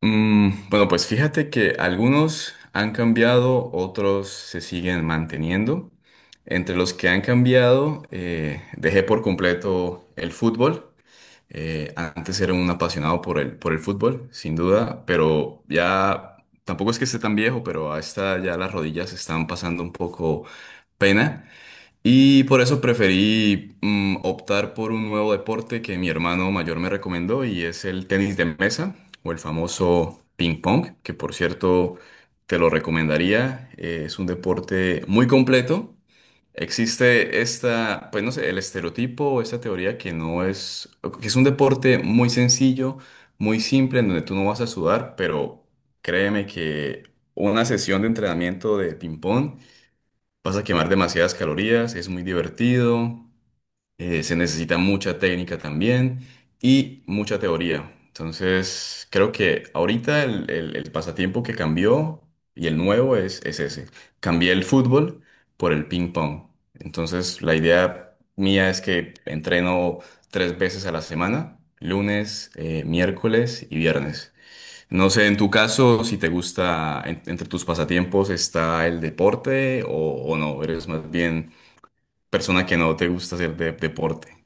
Bueno, pues fíjate que algunos han cambiado, otros se siguen manteniendo. Entre los que han cambiado, dejé por completo el fútbol. Antes era un apasionado por el fútbol, sin duda, pero ya tampoco es que esté tan viejo, pero a esta ya las rodillas están pasando un poco pena. Y por eso preferí optar por un nuevo deporte que mi hermano mayor me recomendó, y es el tenis de mesa o el famoso ping pong, que por cierto te lo recomendaría. Es un deporte muy completo. Existe esta, pues no sé, el estereotipo o esta teoría que no es, que es un deporte muy sencillo, muy simple, en donde tú no vas a sudar, pero créeme que una sesión de entrenamiento de ping pong vas a quemar demasiadas calorías, es muy divertido, se necesita mucha técnica también y mucha teoría. Entonces, creo que ahorita el pasatiempo que cambió y el nuevo es ese. Cambié el fútbol por el ping pong. Entonces, la idea mía es que entreno tres veces a la semana: lunes, miércoles y viernes. No sé, en tu caso, si te gusta, entre tus pasatiempos está el deporte, o no, eres más bien persona que no te gusta hacer deporte.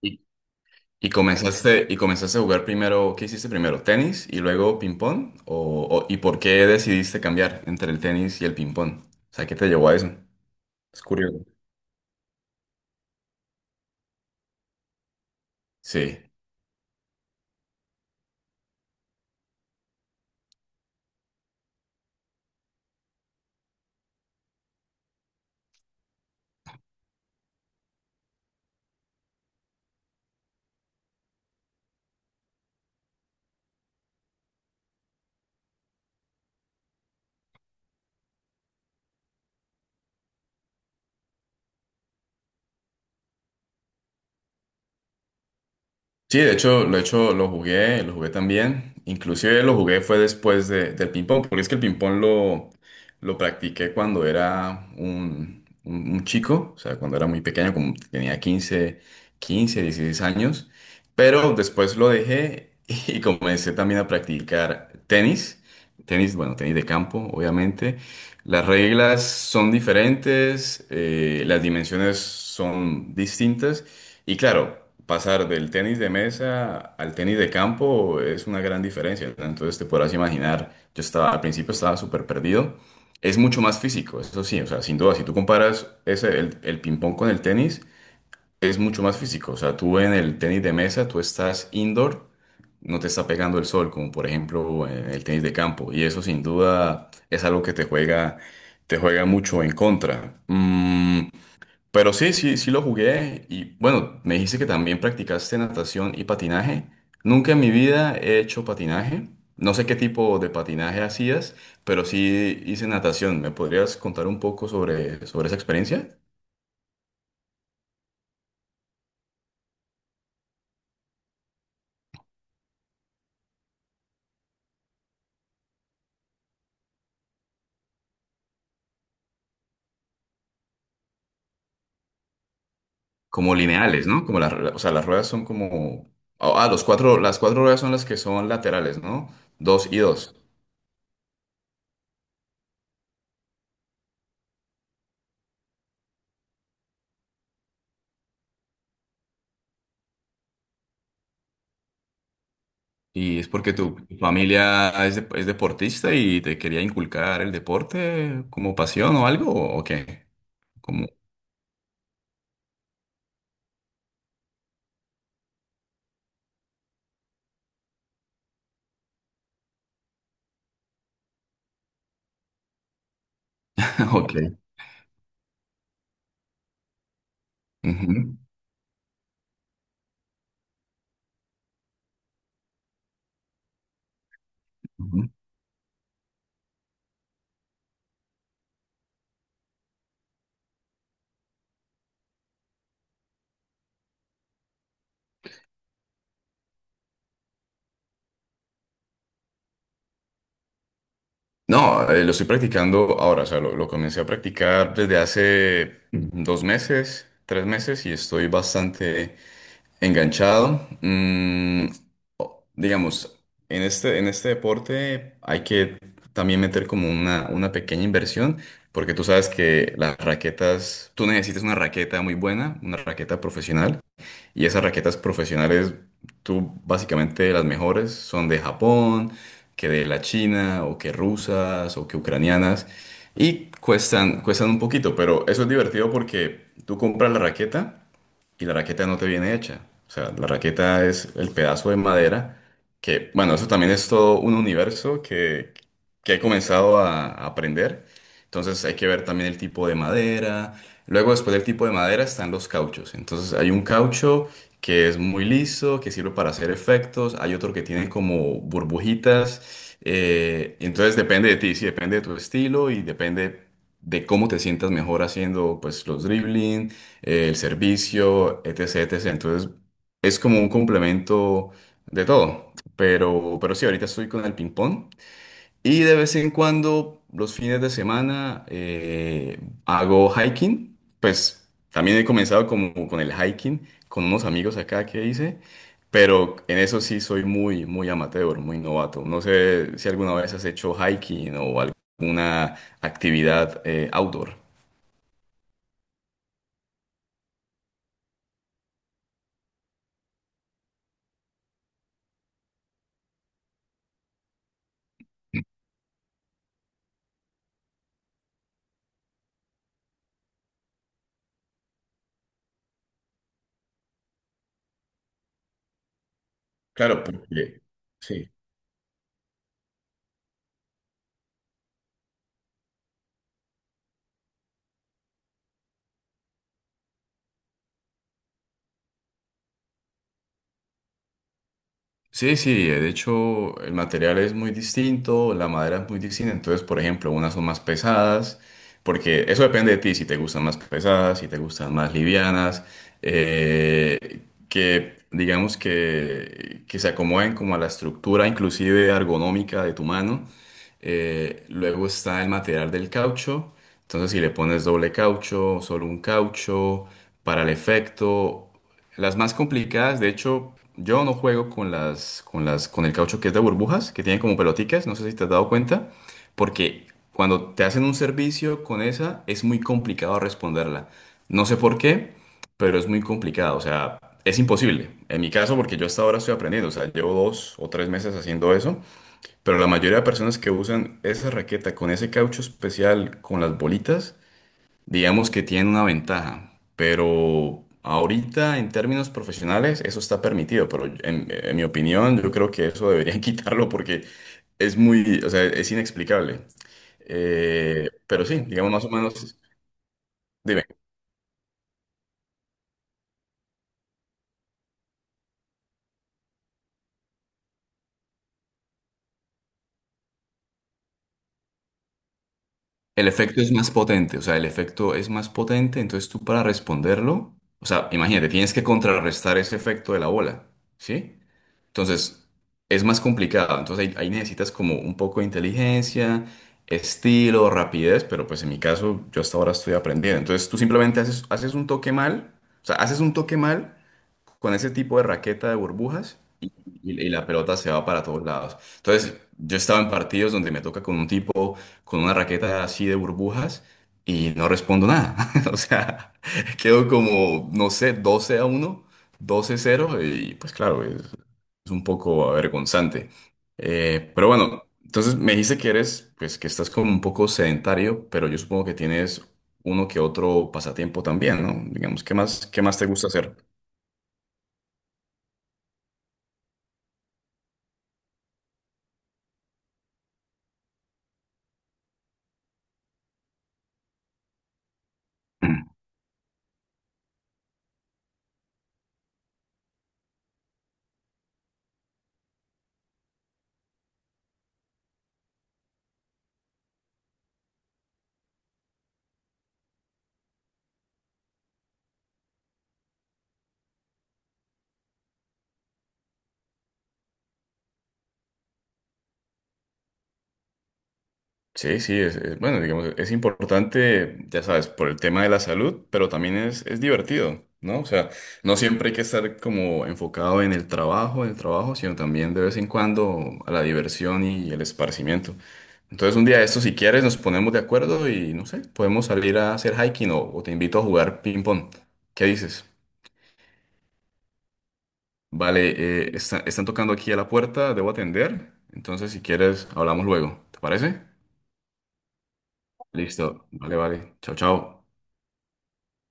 Y, y comenzaste a jugar primero. ¿Qué hiciste primero? ¿Tenis y luego ping-pong? ¿Y por qué decidiste cambiar entre el tenis y el ping-pong? O sea, ¿qué te llevó a eso? Es curioso. Sí. Sí, de hecho, lo he hecho, lo jugué también. Inclusive lo jugué fue después del ping-pong, porque es que el ping-pong lo practiqué cuando era un chico, o sea, cuando era muy pequeño, como tenía quince, 16 años, pero después lo dejé y comencé también a practicar tenis, bueno, tenis de campo, obviamente. Las reglas son diferentes, las dimensiones son distintas. Y claro, pasar del tenis de mesa al tenis de campo es una gran diferencia, ¿no? Entonces te podrás imaginar, yo estaba al principio, estaba súper perdido. Es mucho más físico, eso sí, o sea, sin duda, si tú comparas ese, el ping-pong con el tenis, es mucho más físico. O sea, tú en el tenis de mesa tú estás indoor, no te está pegando el sol, como por ejemplo en el tenis de campo. Y eso sin duda es algo que te juega mucho en contra. Pero sí, sí, sí lo jugué. Y bueno, me dijiste que también practicaste natación y patinaje. Nunca en mi vida he hecho patinaje. No sé qué tipo de patinaje hacías, pero sí hice natación. ¿Me podrías contar un poco sobre esa experiencia? Como lineales, ¿no? Como las, o sea, las ruedas son como. Ah, ah, las cuatro ruedas son las que son laterales, ¿no? Dos y dos. ¿Y es porque tu familia es deportista y te quería inculcar el deporte como pasión, o algo o qué? Ok. Ujú, ujú. No, lo estoy practicando ahora, o sea, lo comencé a practicar desde hace 2 meses, 3 meses, y estoy bastante enganchado. Digamos, en este deporte hay que también meter como una pequeña inversión, porque tú sabes que las raquetas, tú necesitas una raqueta muy buena, una raqueta profesional. Y esas raquetas profesionales, tú básicamente, las mejores son de Japón, que de la China, o que rusas, o que ucranianas. Y cuestan un poquito, pero eso es divertido porque tú compras la raqueta y la raqueta no te viene hecha. O sea, la raqueta es el pedazo de madera que, bueno, eso también es todo un universo que he comenzado a aprender. Entonces hay que ver también el tipo de madera. Luego, después del tipo de madera, están los cauchos. Entonces hay un caucho que es muy liso, que sirve para hacer efectos. Hay otro que tiene como burbujitas. Entonces depende de ti, sí, depende de tu estilo y depende de cómo te sientas mejor haciendo pues los dribbling, el servicio, etc, etc. Entonces, es como un complemento de todo. Pero sí, ahorita estoy con el ping-pong. Y de vez en cuando, los fines de semana, hago hiking. Pues también he comenzado como con el hiking, con unos amigos acá que hice. Pero en eso sí soy muy, muy amateur, muy novato. No sé si alguna vez has hecho hiking o alguna actividad outdoor. Claro, porque. Sí. Sí, sí, de hecho el material es muy distinto, la madera es muy distinta, entonces por ejemplo unas son más pesadas, porque eso depende de ti, si te gustan más pesadas, si te gustan más livianas, eh, que digamos que se acomoden como a la estructura inclusive ergonómica de tu mano. Luego está el material del caucho. Entonces, si le pones doble caucho, solo un caucho, para el efecto. Las más complicadas, de hecho, yo no juego con el caucho que es de burbujas, que tiene como pelotitas, no sé si te has dado cuenta, porque cuando te hacen un servicio con esa, es muy complicado responderla. No sé por qué, pero es muy complicado, o sea, es imposible. En mi caso, porque yo hasta ahora estoy aprendiendo, o sea, llevo 2 o 3 meses haciendo eso. Pero la mayoría de personas que usan esa raqueta con ese caucho especial, con las bolitas, digamos que tienen una ventaja. Pero ahorita, en términos profesionales, eso está permitido. Pero en mi opinión, yo creo que eso deberían quitarlo porque es muy, o sea, es inexplicable. Pero sí, digamos, más o menos, dime, el efecto es más potente, o sea, el efecto es más potente, entonces tú para responderlo, o sea, imagínate, tienes que contrarrestar ese efecto de la bola, ¿sí? Entonces, es más complicado. Entonces, ahí necesitas como un poco de inteligencia, estilo, rapidez, pero pues en mi caso, yo hasta ahora estoy aprendiendo. Entonces, tú simplemente haces un toque mal, o sea, haces un toque mal con ese tipo de raqueta de burbujas, y la pelota se va para todos lados. Entonces, yo estaba en partidos donde me toca con un tipo con una raqueta así de burbujas, y no respondo nada. O sea, quedo como, no sé, 12-1, doce a 0, y pues claro, es un poco avergonzante. Pero bueno, entonces me dijiste que eres, pues que estás como un poco sedentario, pero yo supongo que tienes uno que otro pasatiempo también, ¿no? Digamos, qué más te gusta hacer? Sí, sí, bueno, digamos, es importante, ya sabes, por el tema de la salud, pero también es divertido, ¿no? O sea, no siempre hay que estar como enfocado en el trabajo, sino también de vez en cuando a la diversión y el esparcimiento. Entonces, un día de estos, si quieres, nos ponemos de acuerdo y, no sé, podemos salir a hacer hiking, o te invito a jugar ping-pong. ¿Qué dices? Vale, están tocando aquí a la puerta, debo atender. Entonces, si quieres, hablamos luego. ¿Te parece? Listo. Vale, vale. Chao, chao.